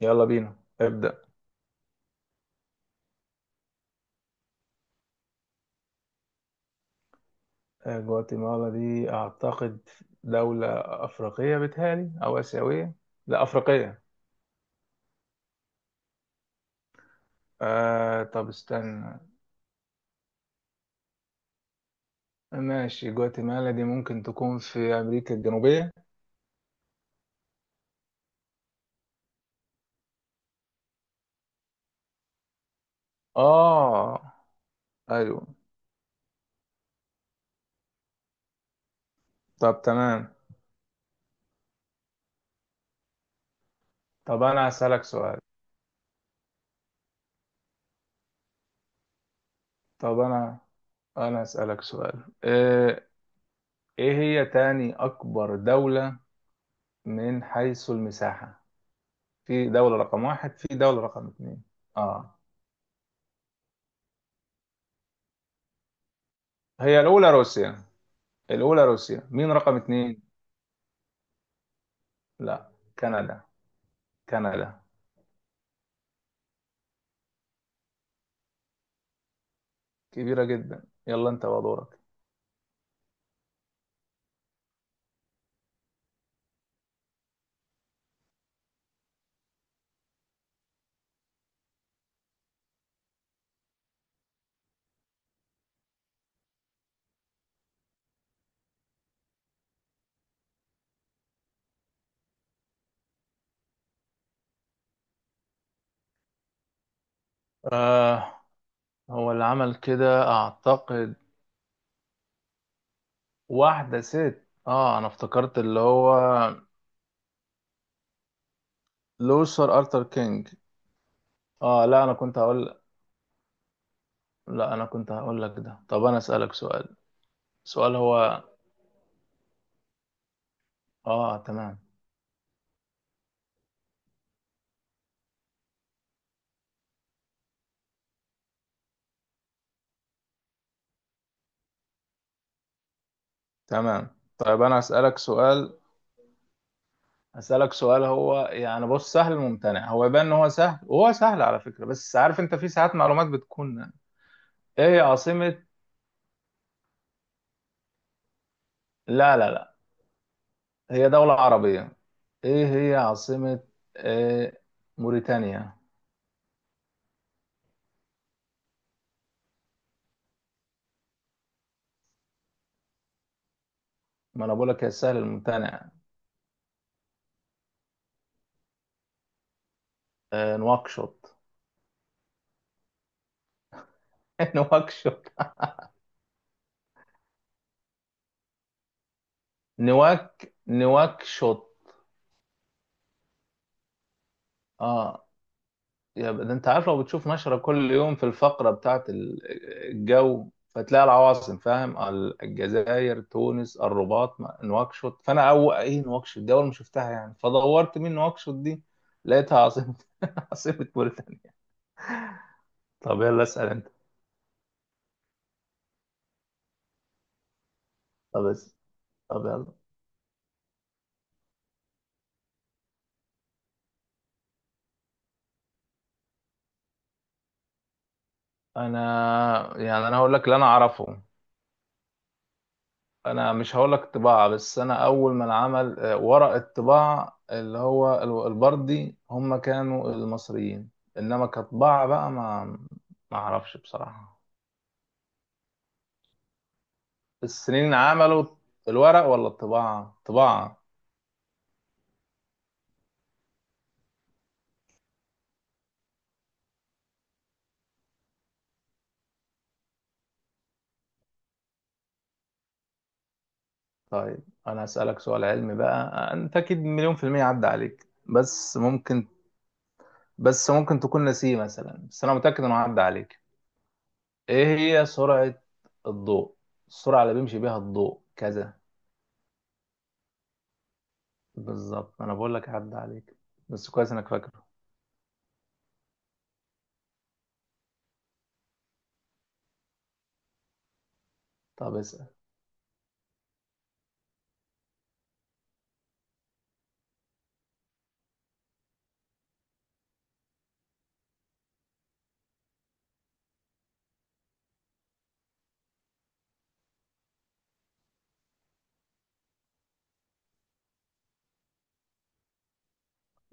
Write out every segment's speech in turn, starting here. يلا بينا. ابدأ. جواتيمالا دي أعتقد دولة أفريقية بتهيألي أو آسيوية. لا، أفريقية. طب استنى. ماشي، جواتيمالا دي ممكن تكون في أمريكا الجنوبية. آه. أيوه. طب تمام. طب أنا هسألك سؤال. طب أنا هسألك سؤال. إيه هي تاني أكبر دولة من حيث المساحة؟ في دولة رقم واحد، في دولة رقم اتنين. آه، هي الأولى روسيا. الأولى روسيا، مين رقم اتنين؟ لا. كندا. كندا كبيرة جدا. يلا أنت ودورك. آه، هو اللي عمل كده أعتقد. واحدة ست، أنا افتكرت اللي هو لوثر أرثر كينج. آه، لا أنا كنت هقول. لا أنا كنت هقول لك ده. طب أنا أسألك سؤال. سؤال هو، آه تمام. تمام، طيب أنا أسألك سؤال. أسألك سؤال هو يعني، بص، سهل الممتنع، هو يبان إن هو سهل، وهو سهل على فكرة، بس عارف أنت في ساعات معلومات بتكون. ايه عاصمة، لا لا، هي دولة عربية. ايه هي عاصمة إيه... موريتانيا؟ ما انا بقول لك هي سهل الممتنع. نواكشوط. نواكشوط. نواكشوط. اه. ده انت عارف لو بتشوف نشرة كل يوم في الفقرة بتاعت الجو، فتلاقي العواصم، فاهم، الجزائر تونس الرباط نواكشوط. فانا اول، ايه نواكشوط دي؟ اول ما شفتها يعني فدورت مين نواكشوط دي، لقيتها عاصمة. عاصمة موريتانيا. طب يلا اسأل انت. طب اسأل. طب يلا. انا يعني، انا هقول لك اللي انا اعرفه. انا مش هقول لك طباعة، بس انا اول من عمل ورق الطباعة اللي هو البردي، هم كانوا المصريين. انما كطباعة بقى، ما اعرفش بصراحة. السنين عملوا الورق ولا الطباعة؟ طباعة. طيب انا اسألك سؤال علمي بقى. انت اكيد مليون في المية عدى عليك، بس ممكن، بس ممكن تكون نسيه مثلا، بس انا متأكد انه عدى عليك. ايه هي سرعة الضوء؟ السرعة اللي بيمشي بيها الضوء كذا. بالظبط. انا بقول لك عدى عليك بس كويس انك فاكره. طب اسأل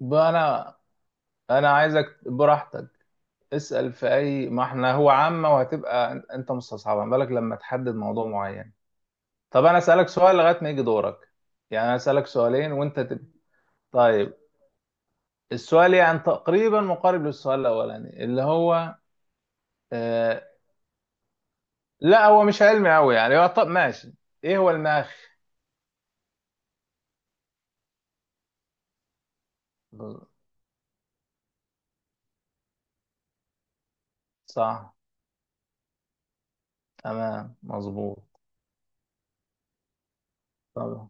بقى. انا عايزك براحتك. اسأل في اي، ما احنا هو عامة وهتبقى انت مستصعبها، ما بالك لما تحدد موضوع معين. طب انا اسألك سؤال لغاية ما يجي دورك. يعني انا اسألك سؤالين وانت تب... طيب. السؤال يعني تقريبا مقارب للسؤال الاولاني اللي هو آه... لا هو مش علمي قوي يعني، هو، طب ماشي. ايه هو المخ؟ صح. تمام مظبوط. طبعا.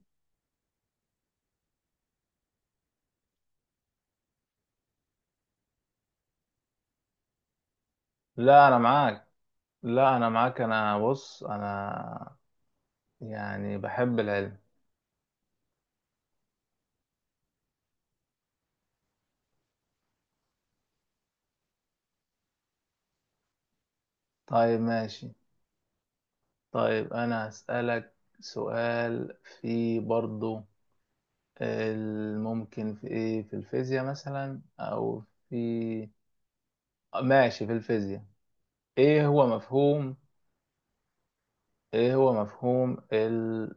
لا انا معاك. لا انا معاك، انا بص، انا يعني بحب العلم. طيب ماشي. طيب انا هسألك سؤال في برضو الممكن. في ايه، في الفيزياء مثلا، او في... ماشي، في الفيزياء. ايه هو مفهوم ايه هو مفهوم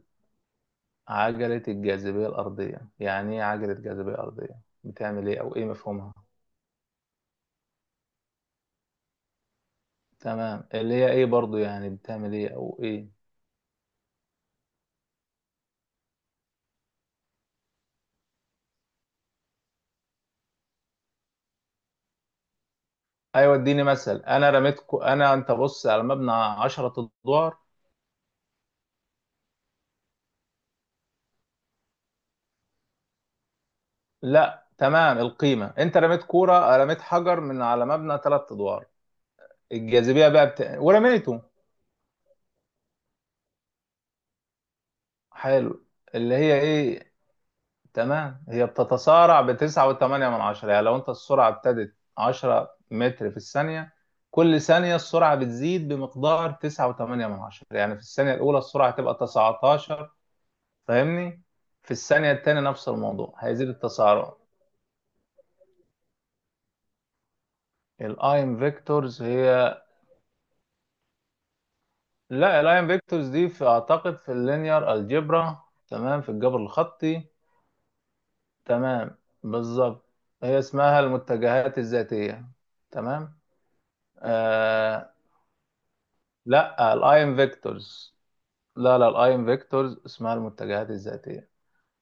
عجلة الجاذبية الأرضية، يعني ايه عجلة جاذبية أرضية، بتعمل ايه، او ايه مفهومها؟ تمام، اللي هي ايه برضو، يعني بتعمل ايه او ايه؟ ايوه اديني مثل. انا رميتكو انا انت بص على مبنى 10 ادوار. لا تمام، القيمه. انت رميت كوره، رميت حجر من على مبنى ثلاث ادوار. الجاذبيه بقى بت... ورميته. حلو، اللي هي ايه؟ تمام، هي بتتسارع بتسعة وثمانية من عشرة. يعني لو انت السرعه ابتدت 10 متر في الثانيه، كل ثانيه السرعه بتزيد بمقدار 9.8. يعني في الثانيه الاولى السرعه تبقى 19. فاهمني؟ في الثانية التانية نفس الموضوع، هيزيد التسارع. الايم فيكتورز هي... لا، الايم فيكتورز دي في، اعتقد، في اللينير الجبرا. تمام، في الجبر الخطي. تمام، بالظبط، هي اسمها المتجهات الذاتية. تمام. آه، لا الايم فيكتورز. لا الايم فيكتورز اسمها المتجهات الذاتية.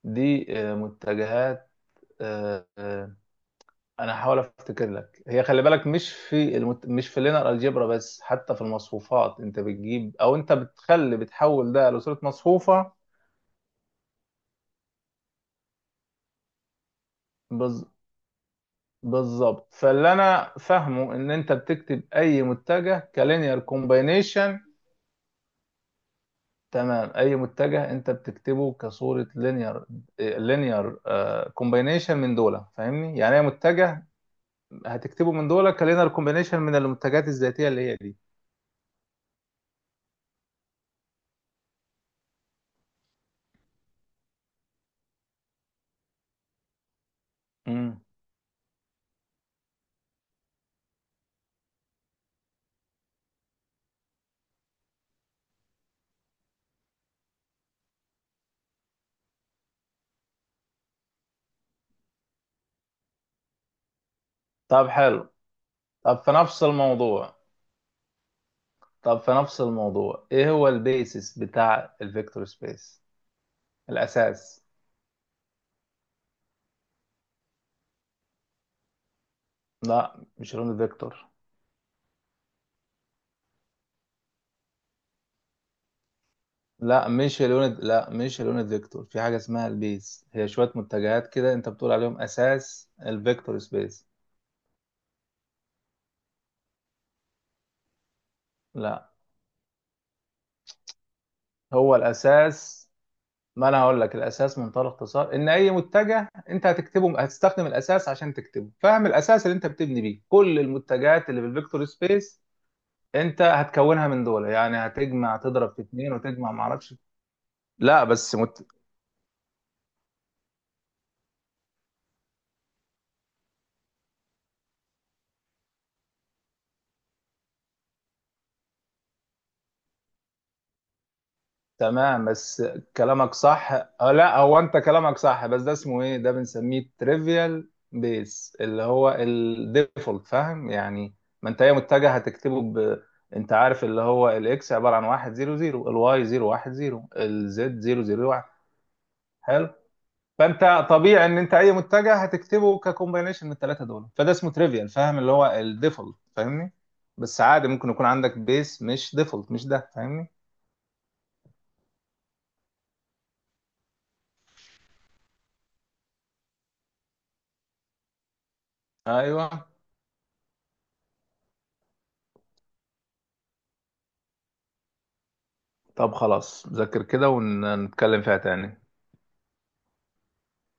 دي متجهات. آه، آه، انا هحاول افتكر لك. هي خلي بالك، مش في المت... مش في اللينير الجبرا بس، حتى في المصفوفات انت بتجيب او انت بتخلي، بتحول ده لصورة مصفوفة. بز... بالظبط. فاللي انا فاهمه ان انت بتكتب اي متجه كلينير كومباينيشن. تمام، اي متجه انت بتكتبه كصورة لينير، لينير كومباينيشن من دول. فاهمني يعني؟ اي متجه هتكتبه من دول كلينير كومباينيشن من المتجهات الذاتية اللي هي دي. مم. طب حلو. طب في نفس الموضوع طب في نفس الموضوع، ايه هو البيسس بتاع الفيكتور سبيس؟ الاساس. لا مش لون الفيكتور. لا مش لون الفيكتور، في حاجه اسمها البيس، هي شويه متجهات كده انت بتقول عليهم اساس الفيكتور سبيس. لا، هو الاساس. ما انا هقول لك، الاساس منطلق اختصار، ان اي متجه انت هتكتبه هتستخدم الاساس عشان تكتبه، فاهم؟ الاساس اللي انت بتبني بيه كل المتجهات اللي في الفيكتور سبيس انت هتكونها من دول، يعني هتجمع، تضرب في اتنين وتجمع، معرفش. لا بس مت... تمام بس كلامك صح. لا هو انت كلامك صح، بس ده اسمه ايه، ده بنسميه تريفيال بيس اللي هو الديفولت، فاهم يعني؟ ما انت هي متجه هتكتبه ب... انت عارف اللي هو الاكس عباره عن 1 0 0، الواي 0 1 0، الزد 0 0 1. حلو. فانت طبيعي ان انت اي متجه هتكتبه ككومبينيشن من الثلاثه دول، فده اسمه تريفيال، فاهم؟ اللي هو الديفولت، فاهمني؟ بس عادي ممكن يكون عندك بيس مش ديفولت، مش ده، فاهمني؟ ايوه. طب خلاص، ذاكر كده ونتكلم فيها تاني.